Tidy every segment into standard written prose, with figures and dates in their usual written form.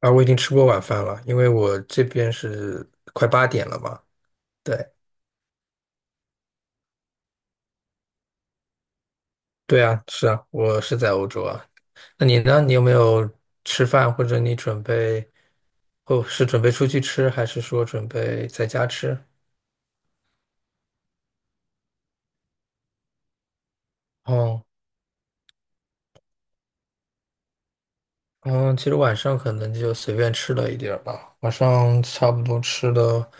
啊，我已经吃过晚饭了，因为我这边是快8点了嘛。对，对啊，是啊，我是在欧洲啊。那你呢？你有没有吃饭，或者你准备，哦，是准备出去吃，还是说准备在家吃？哦，嗯，其实晚上可能就随便吃了一点儿吧，晚上差不多吃了，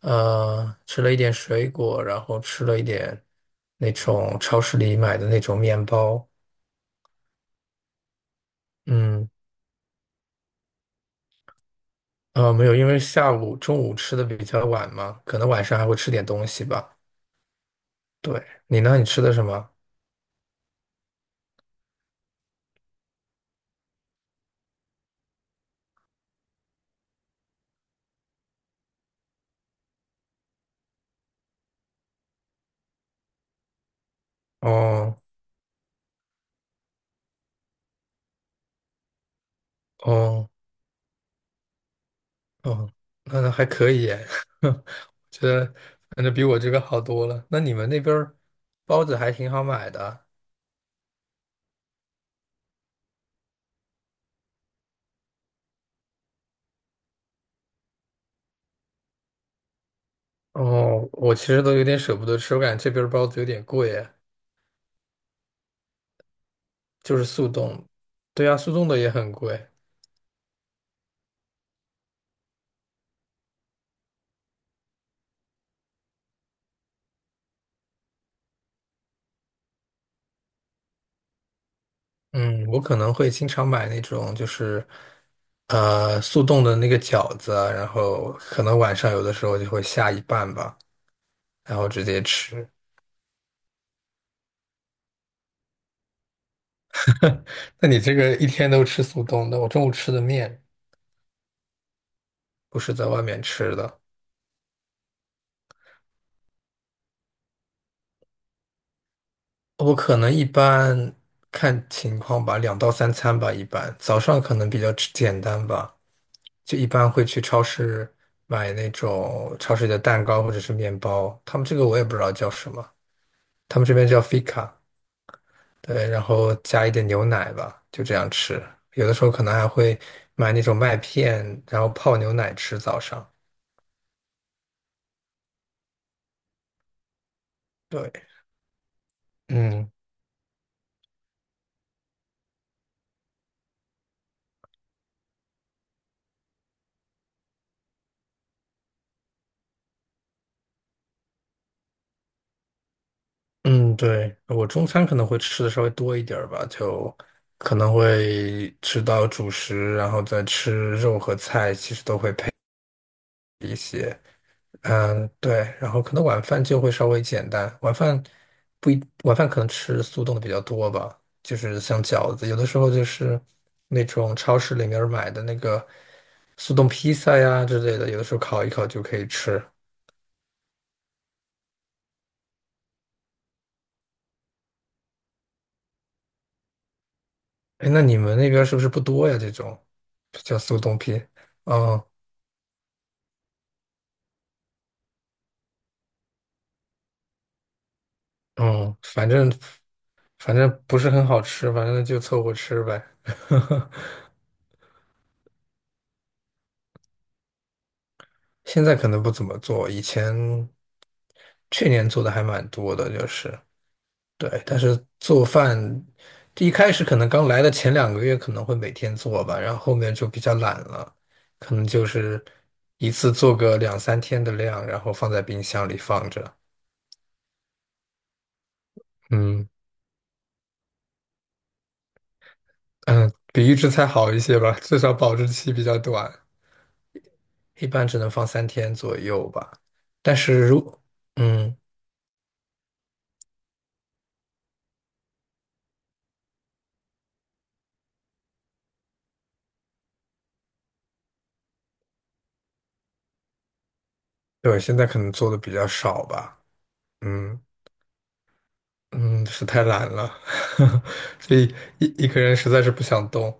吃了一点水果，然后吃了一点那种超市里买的那种面包，嗯，没有，因为下午、中午吃的比较晚嘛，可能晚上还会吃点东西吧。对，你呢？你吃的什么？哦哦哦，那还可以耶 我觉得反正比我这个好多了。那你们那边儿包子还挺好买的。哦，我其实都有点舍不得吃，我感觉这边儿包子有点贵耶就是速冻。对呀，速冻的也很贵。嗯，我可能会经常买那种就是，速冻的那个饺子啊然后可能晚上有的时候就会下一半吧，然后直接吃。那你这个一天都吃速冻的，我中午吃的面不是在外面吃的，我可能一般看情况吧，两到三餐吧，一般早上可能比较吃简单吧，就一般会去超市买那种超市里的蛋糕或者是面包，他们这个我也不知道叫什么，他们这边叫 fika。对，然后加一点牛奶吧，就这样吃。有的时候可能还会买那种麦片，然后泡牛奶吃早上。对，嗯嗯，对，我中餐可能会吃的稍微多一点儿吧，就可能会吃到主食，然后再吃肉和菜，其实都会配。嗯，对，然后可能晚饭就会稍微简单，晚饭不一，晚饭可能吃速冻的比较多吧，就是像饺子，有的时候就是那种超市里面儿买的那个速冻披萨呀之类的，有的时候烤一烤就可以吃。哎，那你们那边儿是不是不多呀？这种叫速冻披，嗯嗯，反正不是很好吃，反正就凑合吃呗。现在可能不怎么做，以前去年做的还蛮多的，就是对，但是做饭一开始可能刚来的前2个月可能会每天做吧，然后后面就比较懒了，可能就是一次做个两三天的量，然后放在冰箱里放着。嗯嗯，比预制菜好一些吧，至少保质期比较短，一般只能放三天左右吧。但是如嗯，对，现在可能做的比较少吧，嗯。嗯，是太懒了，所以一个人实在是不想动，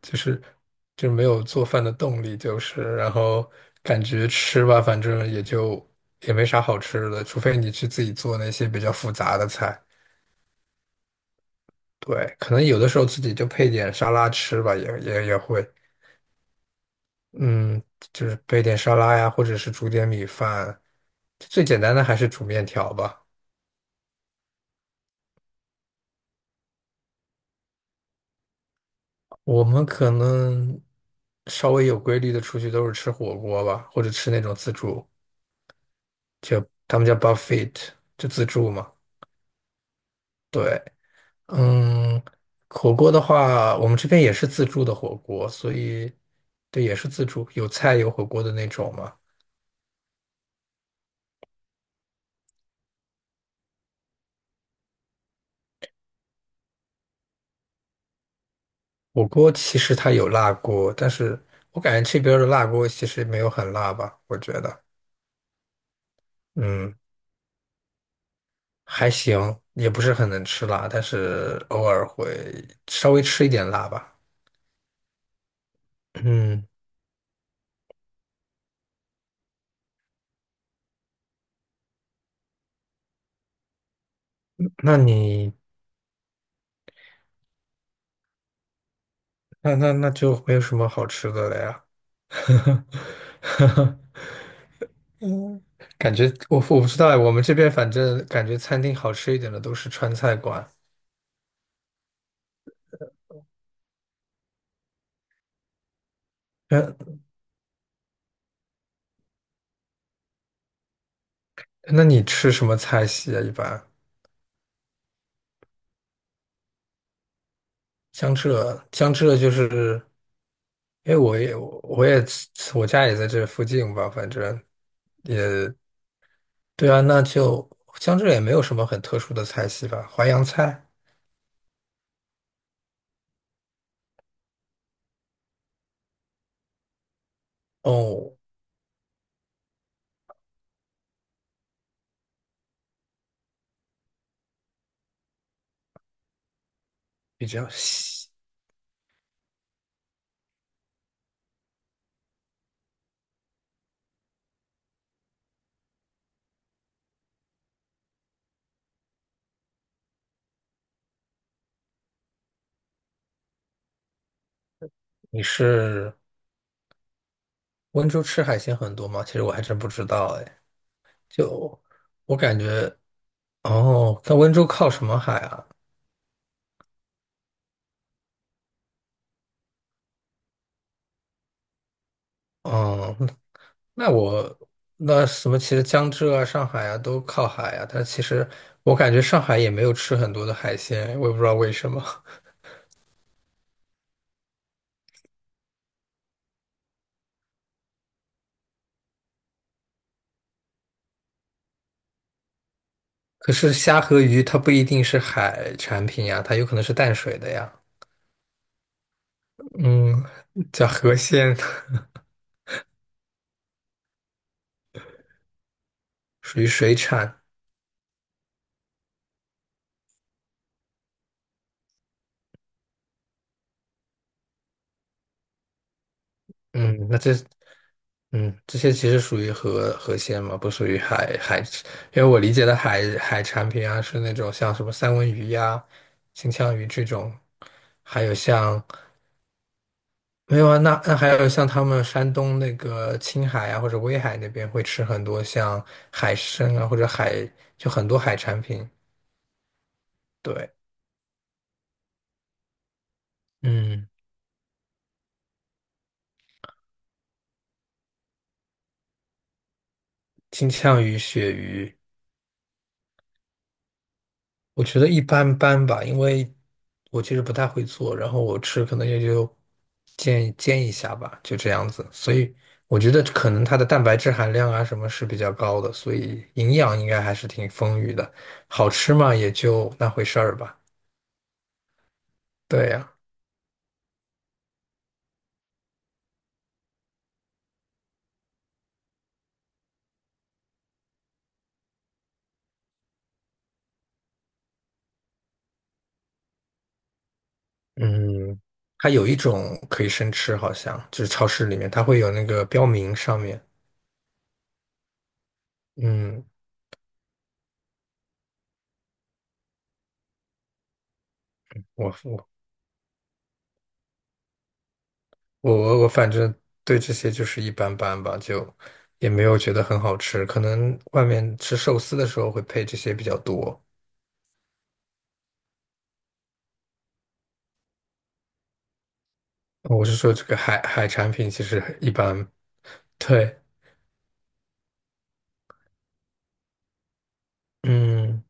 就是就没有做饭的动力，就是然后感觉吃吧，反正也就也没啥好吃的，除非你去自己做那些比较复杂的菜。对，可能有的时候自己就配点沙拉吃吧，也会，嗯，就是配点沙拉呀，或者是煮点米饭，最简单的还是煮面条吧。我们可能稍微有规律的出去都是吃火锅吧，或者吃那种自助，就他们叫 buffet，就自助嘛。对，嗯，火锅的话，我们这边也是自助的火锅，所以对，也是自助，有菜有火锅的那种嘛。火锅其实它有辣锅，但是我感觉这边儿的辣锅其实没有很辣吧，我觉得，嗯，还行，也不是很能吃辣，但是偶尔会稍微吃一点辣吧。嗯。那你那那那就没有什么好吃的了呀。嗯，感觉我不知道，我们这边反正感觉餐厅好吃一点的都是川菜馆。那那你吃什么菜系啊？一般江浙就是，因为我家也在这附近吧，反正也对啊，那就江浙也没有什么很特殊的菜系吧，淮扬菜哦，比较西。你是？温州吃海鲜很多吗？其实我还真不知道哎。就我感觉，哦，那温州靠什么海啊？嗯，那那我那什么，其实江浙啊、上海啊都靠海啊，但其实我感觉上海也没有吃很多的海鲜，我也不知道为什么。可是虾和鱼它不一定是海产品呀，它有可能是淡水的呀。嗯，叫河鲜，属于水产。嗯，那这嗯，这些其实属于河鲜嘛，不属于海，因为我理解的海产品啊，是那种像什么三文鱼呀、金枪鱼这种，还有像没有啊，那还有像他们山东那个青海啊或者威海那边会吃很多像海参啊或者海就很多海产品，对，嗯，金枪鱼、鳕鱼。我觉得一般般吧，因为我其实不太会做，然后我吃可能也就煎煎一下吧，就这样子。所以我觉得可能它的蛋白质含量啊什么是比较高的，所以营养应该还是挺丰腴的。好吃嘛，也就那回事儿吧。对呀，嗯，它有一种可以生吃，好像就是超市里面它会有那个标明上面，嗯。我我反正对这些就是一般般吧，就也没有觉得很好吃。可能外面吃寿司的时候会配这些比较多。我是说这个海产品其实一般。对，嗯，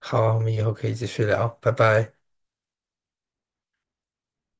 好，我们以后可以继续聊，拜拜。